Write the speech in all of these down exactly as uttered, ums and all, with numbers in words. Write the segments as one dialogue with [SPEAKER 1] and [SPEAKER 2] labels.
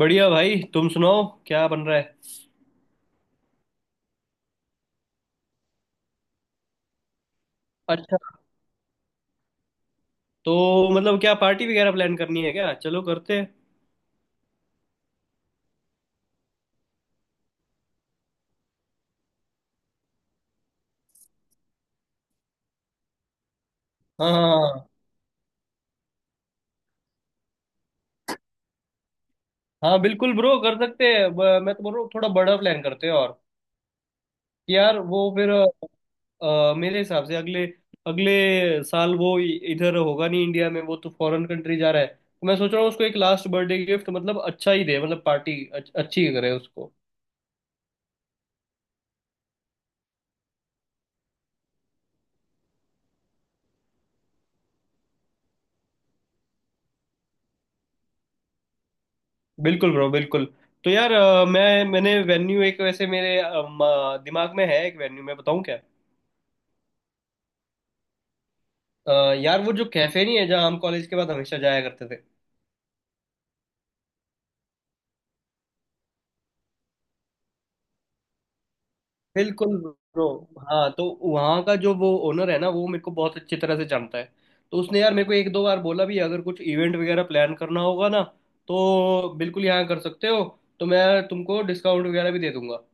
[SPEAKER 1] बढ़िया भाई। तुम सुनाओ क्या बन रहा है? अच्छा। तो मतलब क्या पार्टी वगैरह प्लान करनी है क्या? चलो करते हैं। हाँ, हाँ। हाँ बिल्कुल ब्रो, कर सकते हैं। ब- मैं तो बोल रहा हूँ थोड़ा बड़ा प्लान करते हैं। और कि यार वो फिर, अ, मेरे हिसाब से अगले अगले साल वो इ- इधर होगा नहीं, इंडिया में। वो तो फॉरेन कंट्री जा रहा है, तो मैं सोच रहा हूँ उसको एक लास्ट बर्थडे गिफ्ट, मतलब अच्छा ही दे, मतलब पार्टी अच्छ, अच्छी करे उसको। बिल्कुल ब्रो, बिल्कुल। तो यार अ, मैं मैंने वेन्यू एक, वैसे मेरे अ, म- दिमाग में है एक वेन्यू। मैं बताऊँ क्या? अ, यार वो जो कैफे नहीं है जहाँ हम कॉलेज के बाद हमेशा जाया करते थे। बिल्कुल ब्रो। हाँ तो वहाँ का जो वो ओनर है ना, वो मेरे को बहुत अच्छी तरह से जानता है। तो उसने यार मेरे को एक दो बार बोला भी, अगर कुछ इवेंट वगैरह प्लान करना होगा ना तो बिल्कुल यहाँ कर सकते हो, तो मैं तुमको डिस्काउंट वगैरह भी दे दूंगा।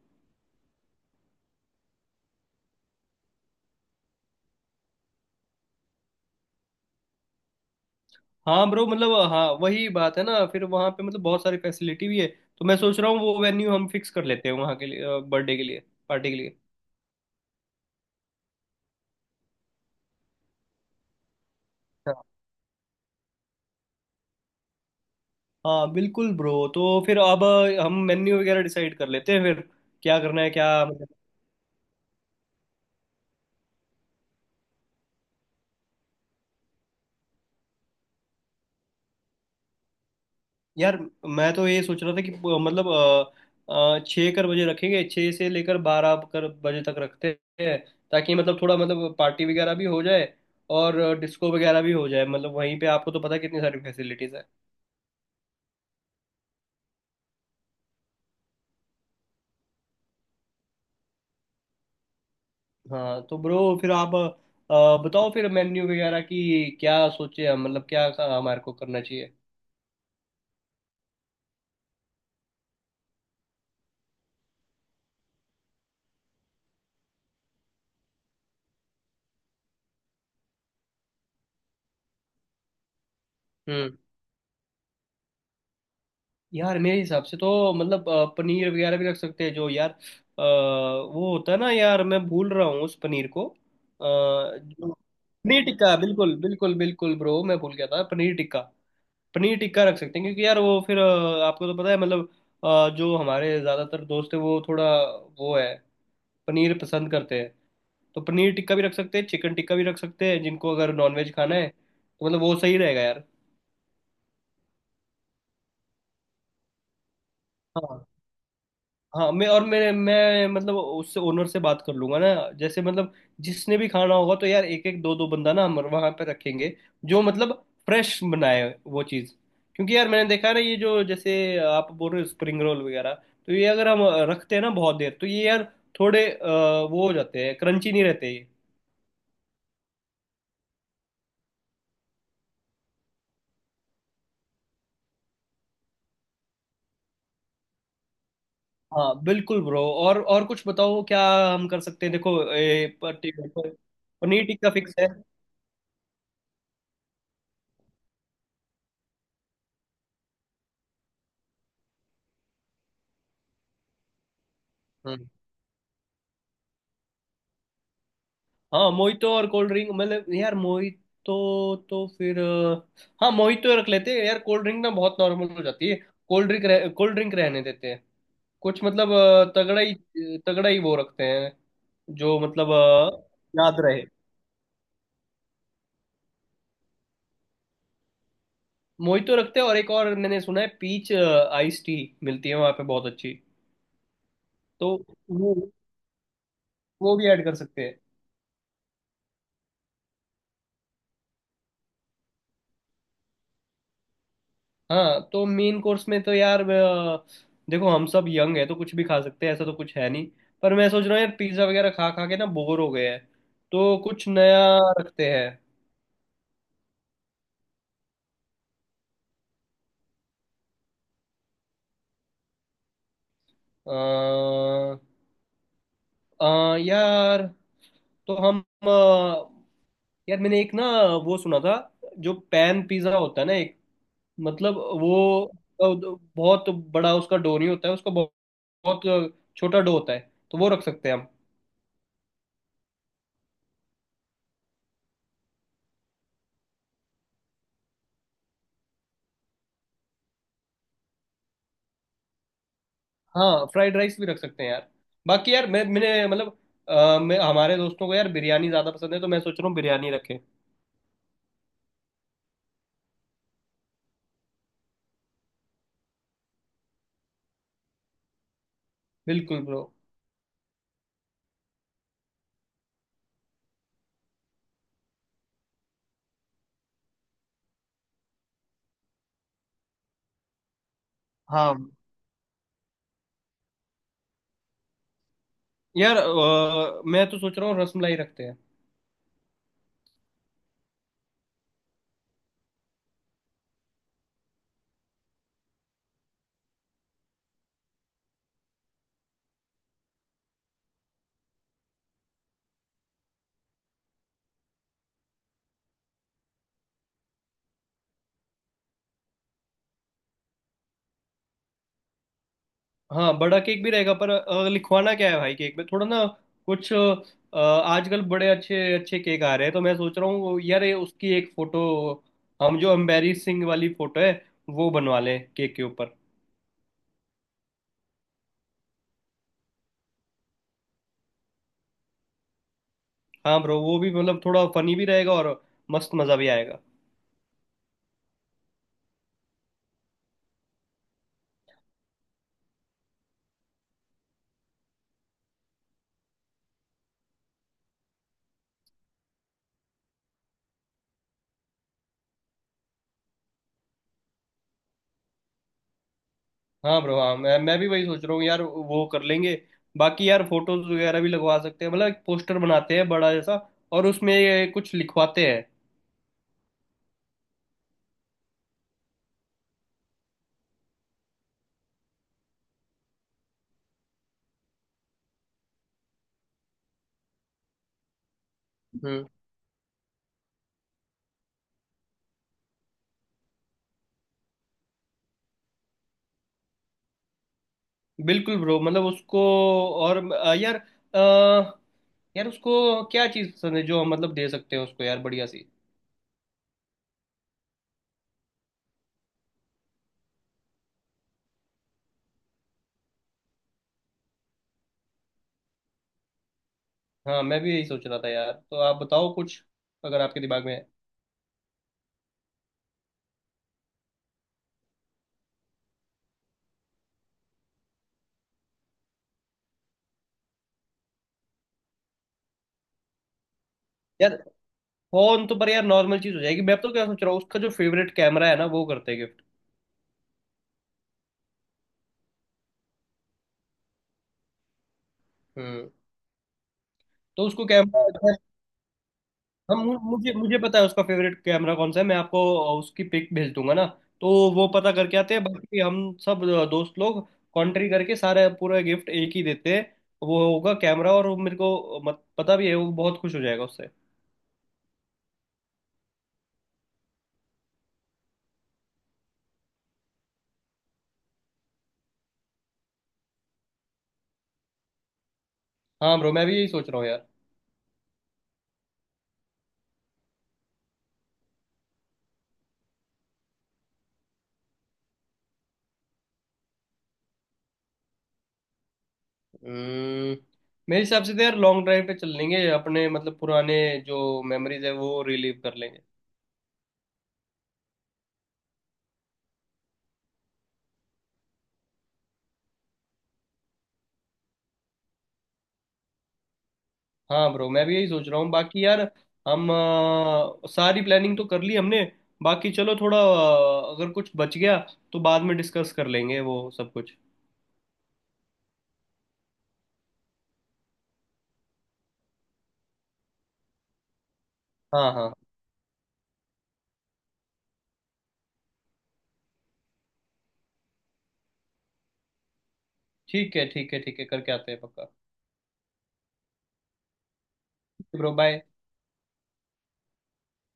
[SPEAKER 1] हाँ ब्रो, मतलब हाँ वही बात है ना, फिर वहाँ पे मतलब बहुत सारी फैसिलिटी भी है। तो मैं सोच रहा हूँ वो वेन्यू हम फिक्स कर लेते हैं, वहाँ के लिए, बर्थडे के लिए, पार्टी के लिए। हाँ बिल्कुल ब्रो। तो फिर अब हम मेन्यू वगैरह डिसाइड कर लेते हैं, फिर क्या करना है, क्या मतलब। यार मैं तो ये सोच रहा था कि प- मतलब अ, अ, छः कर बजे रखेंगे, छः से लेकर बारह कर बजे तक रखते हैं। ताकि मतलब थोड़ा, मतलब पार्टी वगैरह भी हो जाए और डिस्को वगैरह भी हो जाए, मतलब वहीं पे आपको तो पता है कितनी सारी फैसिलिटीज़ है। हाँ तो ब्रो, फिर आप अ, बताओ फिर, मेन्यू वगैरह की क्या सोचे हम, मतलब क्या हमारे को करना चाहिए। हम्म यार मेरे हिसाब से तो मतलब अ, पनीर वगैरह भी रख सकते हैं। जो यार अ, वो होता है ना, यार मैं भूल रहा हूँ उस पनीर को, अ, जो पनीर टिक्का, बिल्कुल बिल्कुल बिल्कुल ब्रो, मैं भूल गया था पनीर टिक्का। पनीर टिक्का रख सकते हैं, क्योंकि यार वो फिर, अ, आपको तो पता है मतलब, अ, जो हमारे ज़्यादातर दोस्त है वो थोड़ा, वो है, पनीर पसंद करते हैं। तो पनीर टिक्का भी रख सकते हैं, चिकन टिक्का भी रख सकते हैं, जिनको अगर नॉनवेज खाना है तो मतलब वो सही रहेगा यार। हाँ, हाँ। मैं, और मैं मैं मतलब उससे, ओनर से बात कर लूंगा ना। जैसे मतलब, जिसने भी खाना होगा, तो यार एक एक दो दो बंदा ना हम वहां पे रखेंगे, जो मतलब फ्रेश बनाए वो चीज़। क्योंकि यार मैंने देखा है ना, ये जो, जैसे आप बोल रहे हो स्प्रिंग रोल वगैरह, तो ये अगर हम रखते हैं ना बहुत देर, तो ये यार थोड़े अ, वो हो जाते हैं, क्रंची नहीं रहते ये। हाँ बिल्कुल ब्रो। और और कुछ बताओ क्या हम कर सकते हैं। देखो, ए, प- टी- पनीर टिक्का फिक्स है। हाँ मोहितो और कोल्ड ड्रिंक, मतलब यार मोहितो तो फिर, अ, हाँ मोहितो रख लेते हैं। यार कोल्ड ड्रिंक ना बहुत नॉर्मल हो जाती है। कोल्ड ड्रिंक रह, कोल्ड ड्रिंक रहने देते हैं। कुछ मतलब अ, तगड़ा ही, तगड़ा ही वो रखते हैं, जो मतलब अ, याद रहे। मोहितो रखते हैं, और एक और मैंने सुना है पीच आइस टी मिलती है वहाँ पे बहुत अच्छी। तो वो वो भी ऐड कर सकते हैं। हाँ तो मेन कोर्स में तो यार, अ, देखो हम सब यंग है तो कुछ भी खा सकते हैं, ऐसा तो कुछ है नहीं। पर मैं सोच रहा हूँ यार, पिज्ज़ा वगैरह खा खा के ना बोर हो गए हैं। तो कुछ नया रखते हैं। अ, अ, यार तो हम, अ, यार मैंने एक ना वो सुना था, जो पैन पिज़्ज़ा होता है ना एक, मतलब वो, अ, बहुत बड़ा उसका डो नहीं होता है, उसका बहुत, बहुत छोटा डो होता है। तो वो रख सकते हैं हम। हाँ, फ्राइड राइस भी रख सकते हैं यार। बाकी यार मैं मैंने मतलब, अ, मैं, हमारे दोस्तों को यार बिरयानी ज़्यादा पसंद है, तो मैं सोच रहा हूँ बिरयानी रखें। बिल्कुल ब्रो। हाँ यार, अ, मैं तो सोच रहा हूँ रसमलाई रखते हैं। हाँ बड़ा केक भी रहेगा, पर अ, लिखवाना क्या है भाई केक में, थोड़ा ना कुछ, अ, आजकल बड़े अच्छे अच्छे केक आ रहे हैं। तो मैं सोच रहा हूँ यार ये उसकी एक फ़ोटो, हम जो एम्बेरसिंग वाली फ़ोटो है, वो बनवा लें केक के ऊपर। हाँ ब्रो, वो भी मतलब थोड़ा फनी भी रहेगा और मस्त मज़ा भी आएगा। हाँ ब्रो, हाँ मैं मैं भी वही सोच रहा हूँ यार, वो कर लेंगे। बाकी यार फोटोज वगैरह भी लगवा सकते हैं, मतलब एक पोस्टर बनाते हैं बड़ा जैसा, और उसमें ये कुछ लिखवाते हैं। हम्म बिल्कुल ब्रो, मतलब उसको। और अ, यार, अ, यार उसको क्या चीज़ पसंद है जो हम मतलब दे सकते हैं उसको, यार बढ़िया सी। हाँ मैं भी यही सोच रहा था यार। तो आप बताओ कुछ, अगर आपके दिमाग में है। यार फोन तो, पर यार नॉर्मल चीज़ हो जाएगी, मैं तो क्या सोच रहा हूँ, उसका जो फेवरेट कैमरा है ना, वो करते हैं गिफ्ट। हम्म तो उसको कैमरा अच्छा, हम, मुझे मुझे पता है उसका फेवरेट कैमरा कौन सा है। मैं आपको उसकी पिक भेज दूंगा ना। तो वो पता करके आते हैं, बाकी हम सब दोस्त लोग कॉन्ट्री करके सारा पूरा गिफ्ट एक ही देते हैं। वो होगा कैमरा, और वो मेरे को मत पता भी है वो बहुत खुश हो जाएगा उससे। हाँ ब्रो, मैं भी यही सोच रहा हूँ यार। हम्म, मेरे हिसाब से तो यार लॉन्ग ड्राइव पे चल लेंगे अपने, मतलब पुराने जो मेमोरीज है वो रिलीव कर लेंगे। हाँ ब्रो, मैं भी यही सोच रहा हूँ। बाकी यार हम, अ, सारी प्लानिंग तो कर ली हमने। बाकी चलो थोड़ा, अ, अगर कुछ बच गया तो बाद में डिस्कस कर लेंगे वो सब कुछ। हाँ, हाँ। ठीक है, ठीक है, ठीक है, करके आते हैं पक्का। Bro bye.